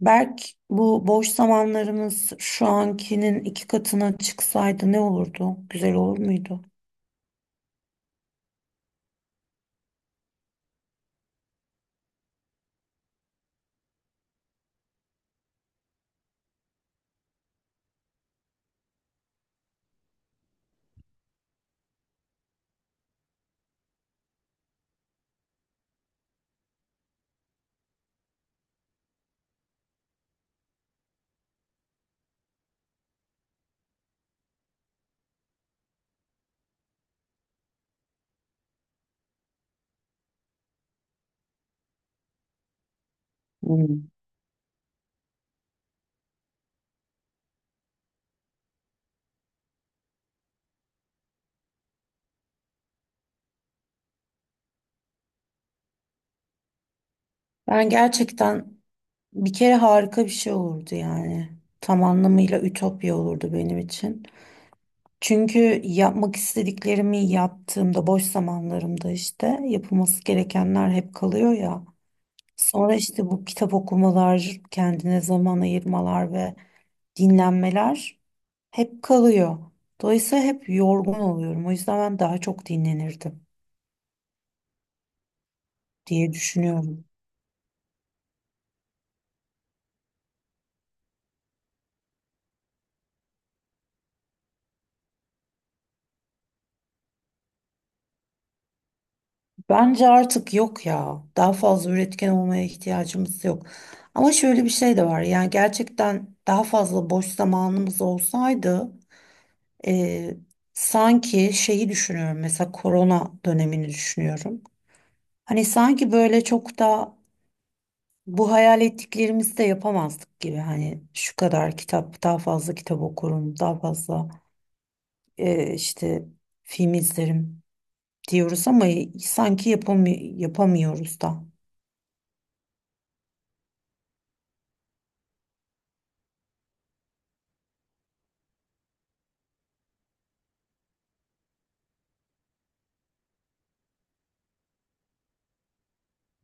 Berk, bu boş zamanlarımız şu ankinin iki katına çıksaydı ne olurdu? Güzel olur muydu? Hmm. Ben gerçekten bir kere harika bir şey olurdu yani. Tam anlamıyla ütopya olurdu benim için. Çünkü yapmak istediklerimi yaptığımda boş zamanlarımda işte yapılması gerekenler hep kalıyor ya. Sonra işte bu kitap okumalar, kendine zaman ayırmalar ve dinlenmeler hep kalıyor. Dolayısıyla hep yorgun oluyorum. O yüzden ben daha çok dinlenirdim diye düşünüyorum. Bence artık yok ya. Daha fazla üretken olmaya ihtiyacımız yok. Ama şöyle bir şey de var. Yani gerçekten daha fazla boş zamanımız olsaydı, e, sanki şeyi düşünüyorum. Mesela korona dönemini düşünüyorum. Hani sanki böyle çok da bu hayal ettiklerimizi de yapamazdık gibi. Hani şu kadar kitap, daha fazla kitap okurum, daha fazla işte film izlerim diyoruz ama sanki yapamıyoruz da.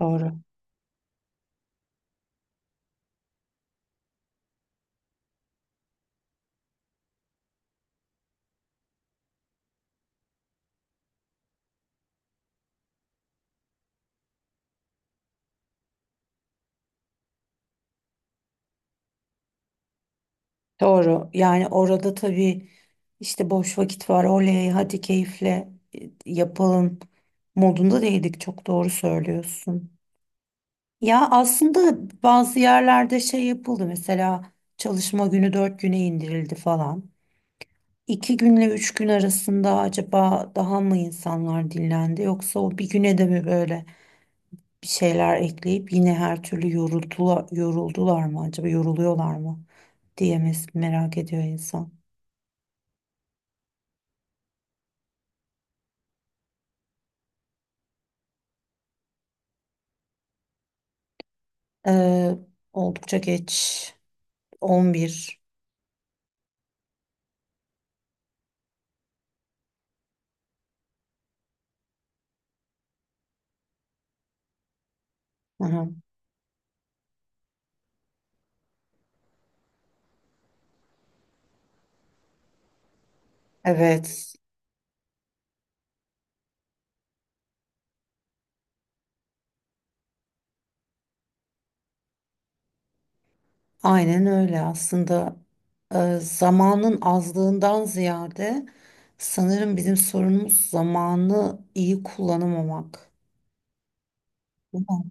Doğru. Doğru. Yani orada tabii işte boş vakit var. Oley, hadi keyifle yapalım modunda değildik. Çok doğru söylüyorsun. Ya aslında bazı yerlerde şey yapıldı, mesela çalışma günü dört güne indirildi falan. İki günle üç gün arasında acaba daha mı insanlar dinlendi, yoksa o bir güne de mi böyle bir şeyler ekleyip yine her türlü yoruldular, yoruldular mı, acaba yoruluyorlar mı diyemez, merak ediyor insan. Ee, oldukça geç, 11. Aha, evet, aynen öyle aslında. Zamanın azlığından ziyade sanırım bizim sorunumuz zamanı iyi kullanamamak. Değil mi?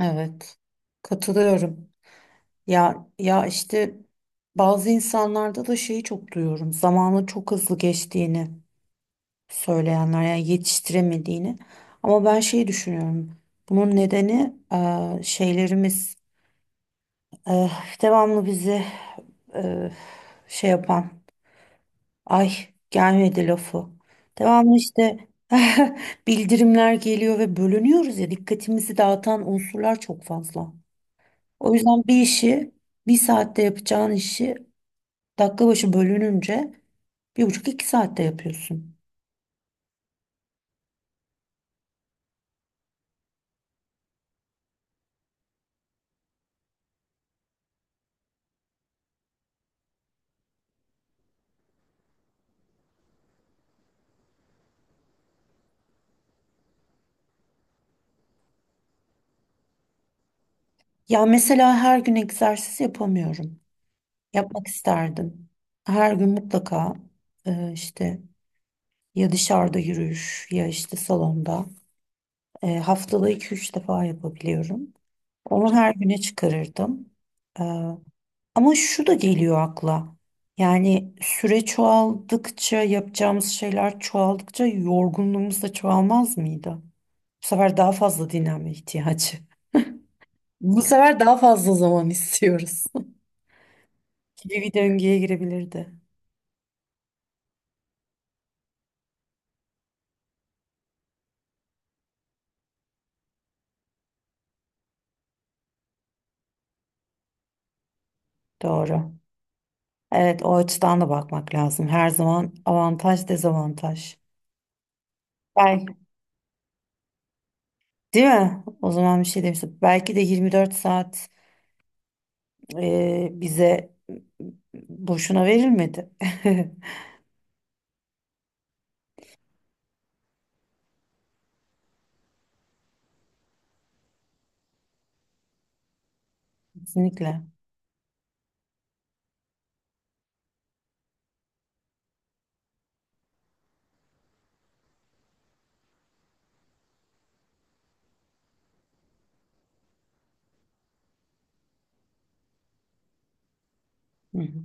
Evet, katılıyorum. Ya işte bazı insanlarda da şeyi çok duyuyorum. Zamanın çok hızlı geçtiğini söyleyenler, yani yetiştiremediğini. Ama ben şeyi düşünüyorum. Bunun nedeni şeylerimiz, e, devamlı bizi e, şey yapan "ay, gelmedi" lafı. Devamlı işte bildirimler geliyor ve bölünüyoruz ya, dikkatimizi dağıtan unsurlar çok fazla. O yüzden bir işi, bir saatte yapacağın işi dakika başı bölününce bir buçuk iki saatte yapıyorsun. Ya mesela her gün egzersiz yapamıyorum. Yapmak isterdim. Her gün mutlaka işte ya dışarıda yürüyüş ya işte salonda. Haftada iki üç defa yapabiliyorum. Onu her güne çıkarırdım. E, Ama şu da geliyor akla. Yani süre çoğaldıkça, yapacağımız şeyler çoğaldıkça yorgunluğumuz da çoğalmaz mıydı? Bu sefer daha fazla dinlenme ihtiyacı. Bu sefer daha fazla zaman istiyoruz. Gibi bir döngüye girebilirdi. Doğru. Evet, o açıdan da bakmak lazım. Her zaman avantaj, dezavantaj. Belki, değil mi? O zaman bir şey demiştim. Belki de 24 saat bize boşuna verilmedi. Kesinlikle. Hı hı.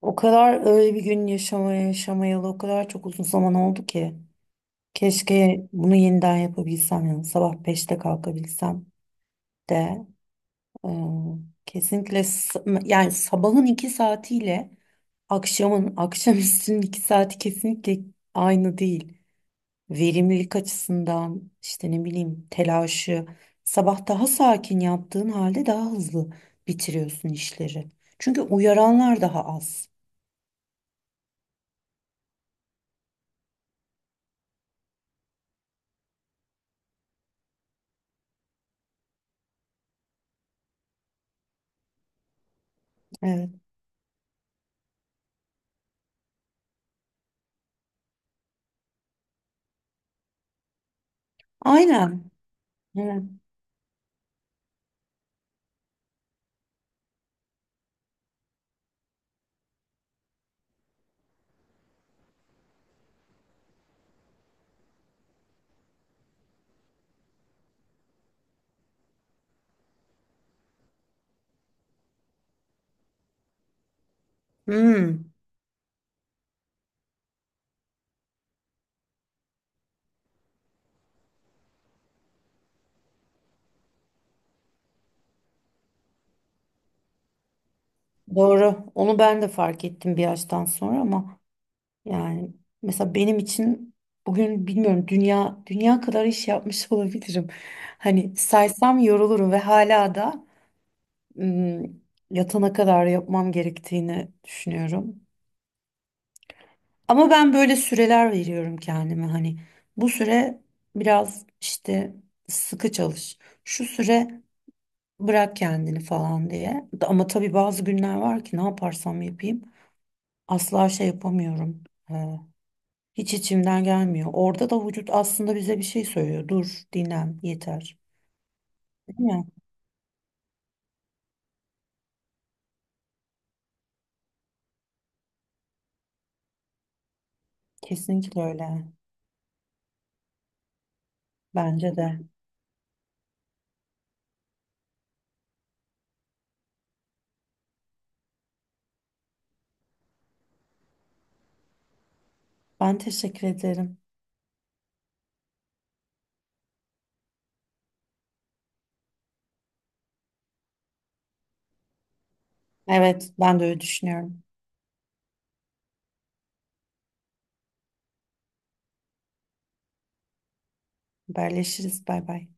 O kadar öyle bir gün yaşamaya, yaşamayalı o kadar çok uzun zaman oldu ki. Keşke bunu yeniden yapabilsem, yani sabah beşte kalkabilsem de. Ee, Kesinlikle, yani sabahın iki saatiyle akşamın akşamüstünün iki saati kesinlikle aynı değil. Verimlilik açısından işte ne bileyim, telaşı sabah daha sakin yaptığın halde daha hızlı bitiriyorsun işleri. Çünkü uyaranlar daha az. Evet. Aynen. Evet. Hmm, doğru. Onu ben de fark ettim bir yaştan sonra. Ama yani mesela benim için bugün, bilmiyorum, dünya dünya kadar iş yapmış olabilirim. Hani saysam yorulurum ve hala da, ım, yatana kadar yapmam gerektiğini düşünüyorum. Ama ben böyle süreler veriyorum kendime, hani bu süre biraz işte sıkı çalış, şu süre bırak kendini falan diye. Ama tabii bazı günler var ki, ne yaparsam yapayım asla şey yapamıyorum. Hiç içimden gelmiyor. Orada da vücut aslında bize bir şey söylüyor: dur, dinlen, yeter. Değil mi? Kesinlikle öyle. Bence de. Ben teşekkür ederim. Evet, ben de öyle düşünüyorum. Haberleşiriz. Bay bay.